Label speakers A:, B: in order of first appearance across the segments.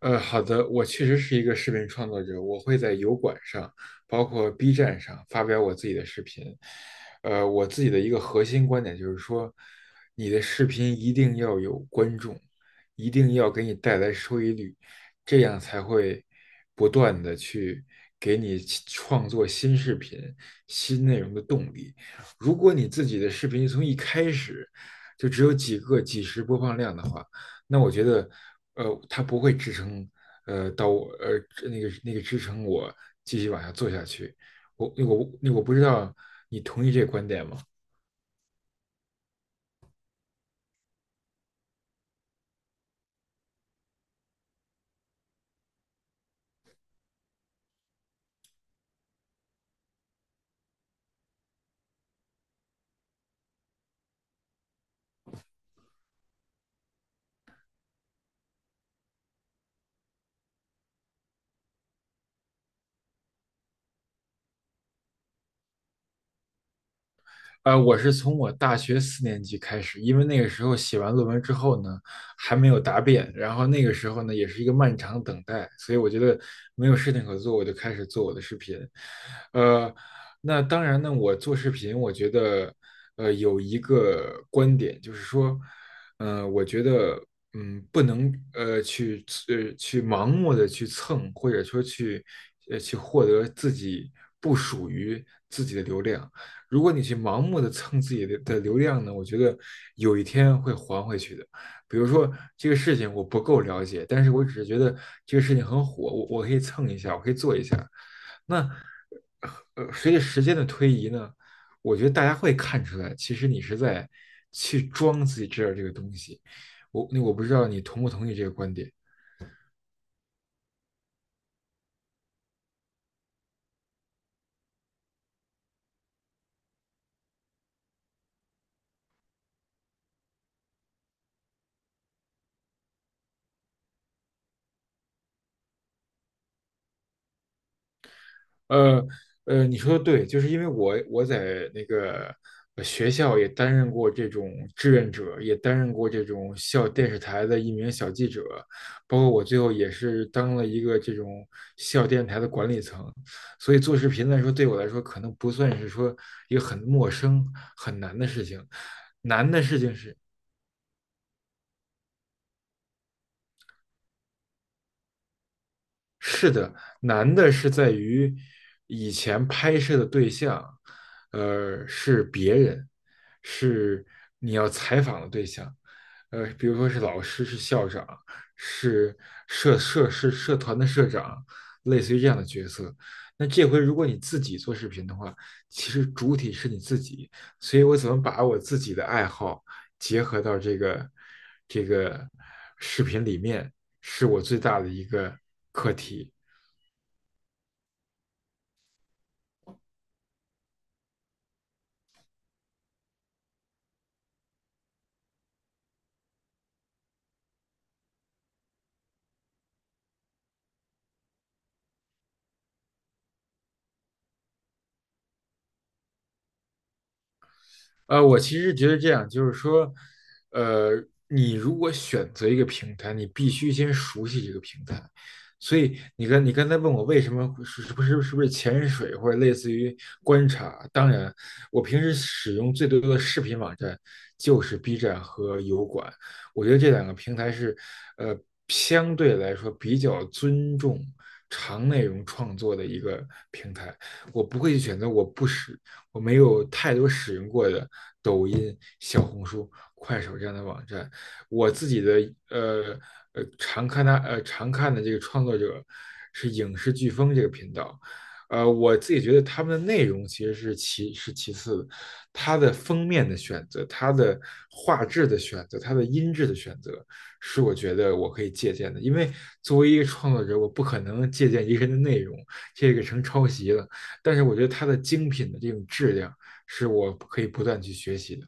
A: 好的，我确实是一个视频创作者，我会在油管上，包括 B 站上发表我自己的视频。我自己的一个核心观点就是说，你的视频一定要有观众，一定要给你带来收益率，这样才会不断的去给你去创作新视频、新内容的动力。如果你自己的视频从一开始就只有几个、几十播放量的话，那我觉得，它不会支撑，呃，到我呃那个那个支撑我继续往下做下去。我不知道你同意这个观点吗？我是从我大学四年级开始，因为那个时候写完论文之后呢，还没有答辩，然后那个时候呢，也是一个漫长等待，所以我觉得没有事情可做，我就开始做我的视频。呃，那当然呢，我做视频，我觉得，有一个观点就是说，我觉得，不能去盲目的去蹭，或者说去获得自己不属于自己的流量。如果你去盲目的蹭自己的流量呢，我觉得有一天会还回去的。比如说这个事情我不够了解，但是我只是觉得这个事情很火，我可以蹭一下，我可以做一下。那随着时间的推移呢，我觉得大家会看出来，其实你是在去装自己知道这个东西。我不知道你同不同意这个观点。呃你说的对，就是因为我在那个学校也担任过这种志愿者，也担任过这种校电视台的一名小记者，包括我最后也是当了一个这种校电台的管理层，所以做视频来说，对我来说可能不算是说一个很陌生、很难的事情。难的事情是，是的，难的是在于以前拍摄的对象，是别人，是你要采访的对象，比如说是老师、是校长、是社团的社长，类似于这样的角色。那这回如果你自己做视频的话，其实主体是你自己，所以我怎么把我自己的爱好结合到这个视频里面，是我最大的一个课题。我其实觉得这样，就是说，呃，你如果选择一个平台，你必须先熟悉这个平台。所以你刚才问我为什么会是不是潜水或者类似于观察？当然，我平时使用最多的视频网站就是 B 站和油管，我觉得这两个平台是，呃，相对来说比较尊重长内容创作的一个平台。我不会去选择我不使我没有太多使用过的抖音、小红书、快手这样的网站。我自己的呃常看的这个创作者是影视飓风这个频道，我自己觉得他们的内容其实是其次的，它的封面的选择、它的画质的选择、它的音质的选择，是我觉得我可以借鉴的。因为作为一个创作者，我不可能借鉴一个人的内容，这个成抄袭了。但是我觉得它的精品的这种质量是我可以不断去学习的。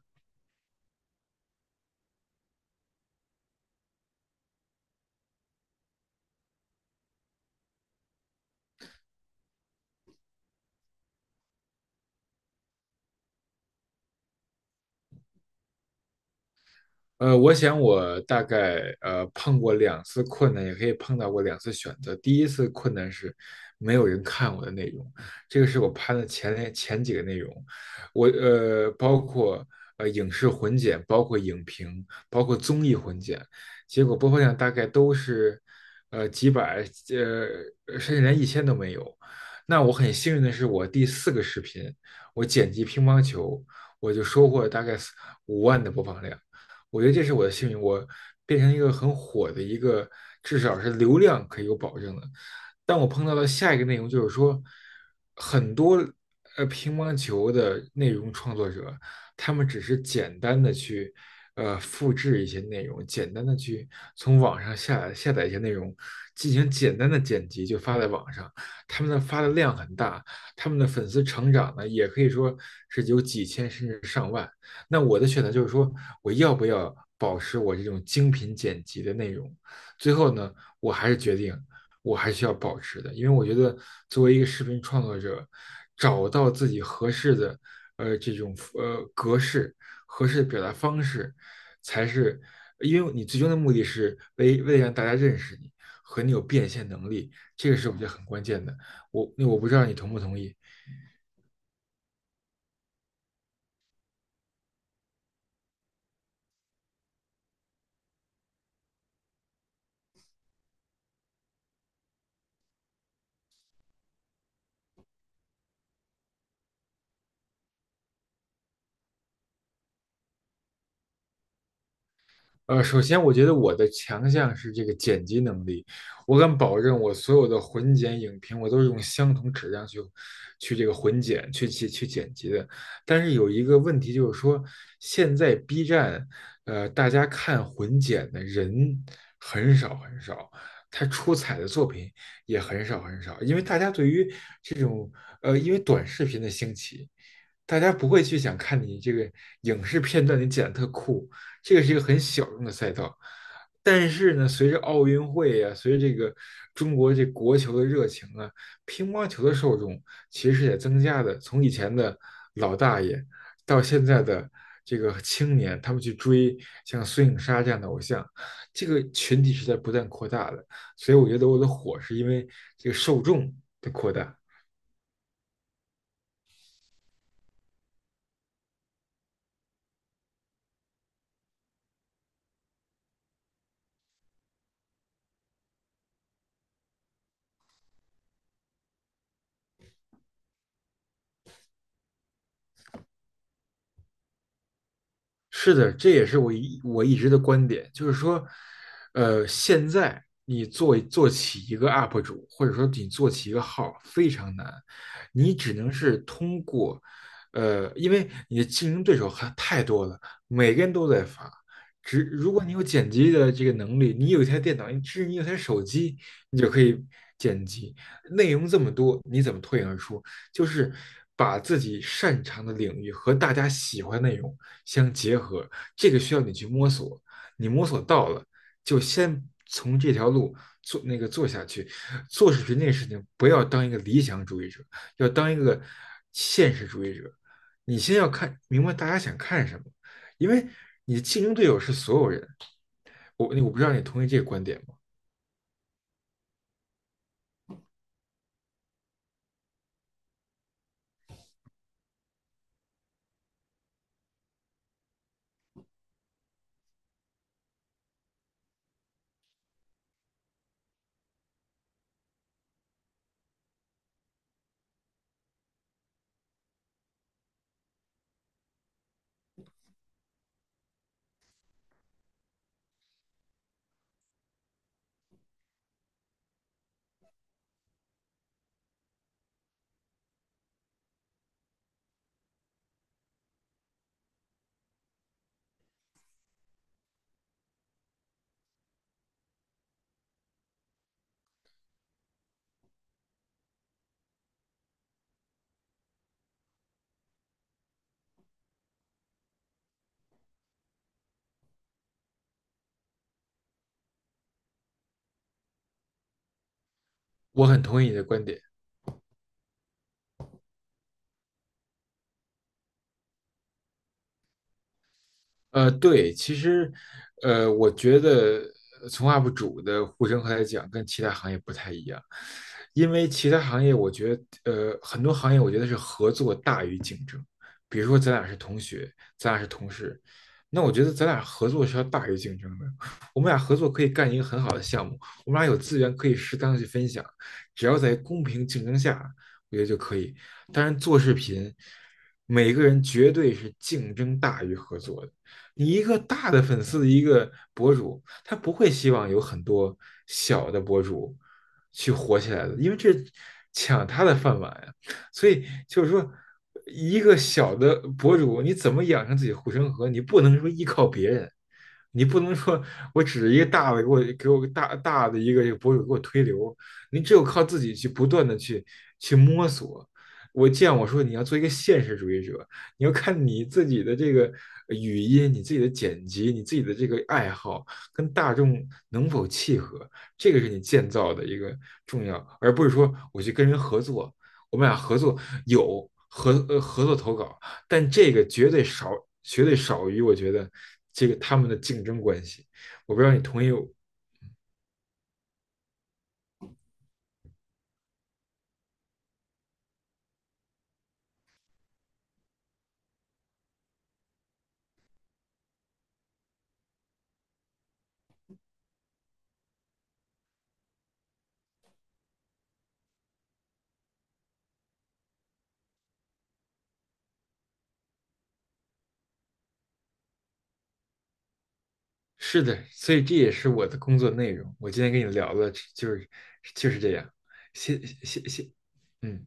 A: 我想我大概碰过两次困难，也可以碰到过两次选择。第一次困难是没有人看我的内容，这个是我拍的前几个内容，我包括影视混剪，包括影评，包括综艺混剪，结果播放量大概都是几百甚至连一千都没有。那我很幸运的是，我第四个视频我剪辑乒乓球，我就收获了大概四五万的播放量。我觉得这是我的幸运，我变成一个很火的一个，至少是流量可以有保证的。但我碰到的下一个内容就是说，很多乒乓球的内容创作者，他们只是简单的去复制一些内容，简单的去从网上下载一些内容，进行简单的剪辑就发在网上，他们的发的量很大，他们的粉丝成长呢也可以说是有几千甚至上万。那我的选择就是说，我要不要保持我这种精品剪辑的内容？最后呢，我还是决定，我还是要保持的，因为我觉得作为一个视频创作者，找到自己合适的这种格式、合适的表达方式，才是因为你最终的目的是为了让大家认识你和你有变现能力，这个是我觉得很关键的。我不知道你同不同意。首先我觉得我的强项是这个剪辑能力，我敢保证我所有的混剪影评，我都是用相同质量去这个混剪、去剪辑的。但是有一个问题就是说，现在 B 站，大家看混剪的人很少很少，他出彩的作品也很少很少，因为大家对于这种因为短视频的兴起。大家不会去想看你这个影视片段，你剪得特酷，这个是一个很小众的赛道。但是呢，随着奥运会啊，随着这个中国这国球的热情啊，乒乓球的受众其实也在增加的。从以前的老大爷到现在的这个青年，他们去追像孙颖莎这样的偶像，这个群体是在不断扩大的。所以我觉得我的火是因为这个受众的扩大。是的，这也是我一直的观点，就是说，现在你做起一个 UP 主，或者说你做起一个号非常难，你只能是通过，因为你的竞争对手还太多了，每个人都在发。只如果你有剪辑的这个能力，你有一台电脑，你甚至你有台手机，你就可以剪辑。内容这么多，你怎么脱颖而出就是把自己擅长的领域和大家喜欢的内容相结合，这个需要你去摸索，你摸索到了，就先从这条路做那个做下去。做视频这个事情，不要当一个理想主义者，要当一个现实主义者。你先要看明白大家想看什么，因为你的竞争对手是所有人。我不知道你同意这个观点吗？我很同意你的观点。对，其实，我觉得从 UP 主的呼声来讲，跟其他行业不太一样，因为其他行业，我觉得，很多行业我觉得是合作大于竞争。比如说，咱俩是同学，咱俩是同事，那我觉得咱俩合作是要大于竞争的。我们俩合作可以干一个很好的项目，我们俩有资源可以适当的去分享，只要在公平竞争下，我觉得就可以。当然，做视频，每个人绝对是竞争大于合作的。你一个大的粉丝的一个博主，他不会希望有很多小的博主去火起来的，因为这抢他的饭碗呀。所以就是说，一个小的博主，你怎么养成自己护城河？你不能说依靠别人，你不能说我指着一个大的给我大大的一个博主给我推流，你只有靠自己去不断的去摸索。我说你要做一个现实主义者，你要看你自己的这个语音、你自己的剪辑、你自己的这个爱好跟大众能否契合，这个是你建造的一个重要，而不是说我去跟人合作，我们俩合作有合作投稿，但这个绝对少，绝对少于我觉得这个他们的竞争关系。我不知道你同意我。是的，所以这也是我的工作内容。我今天跟你聊的就是这样。谢谢谢谢，嗯。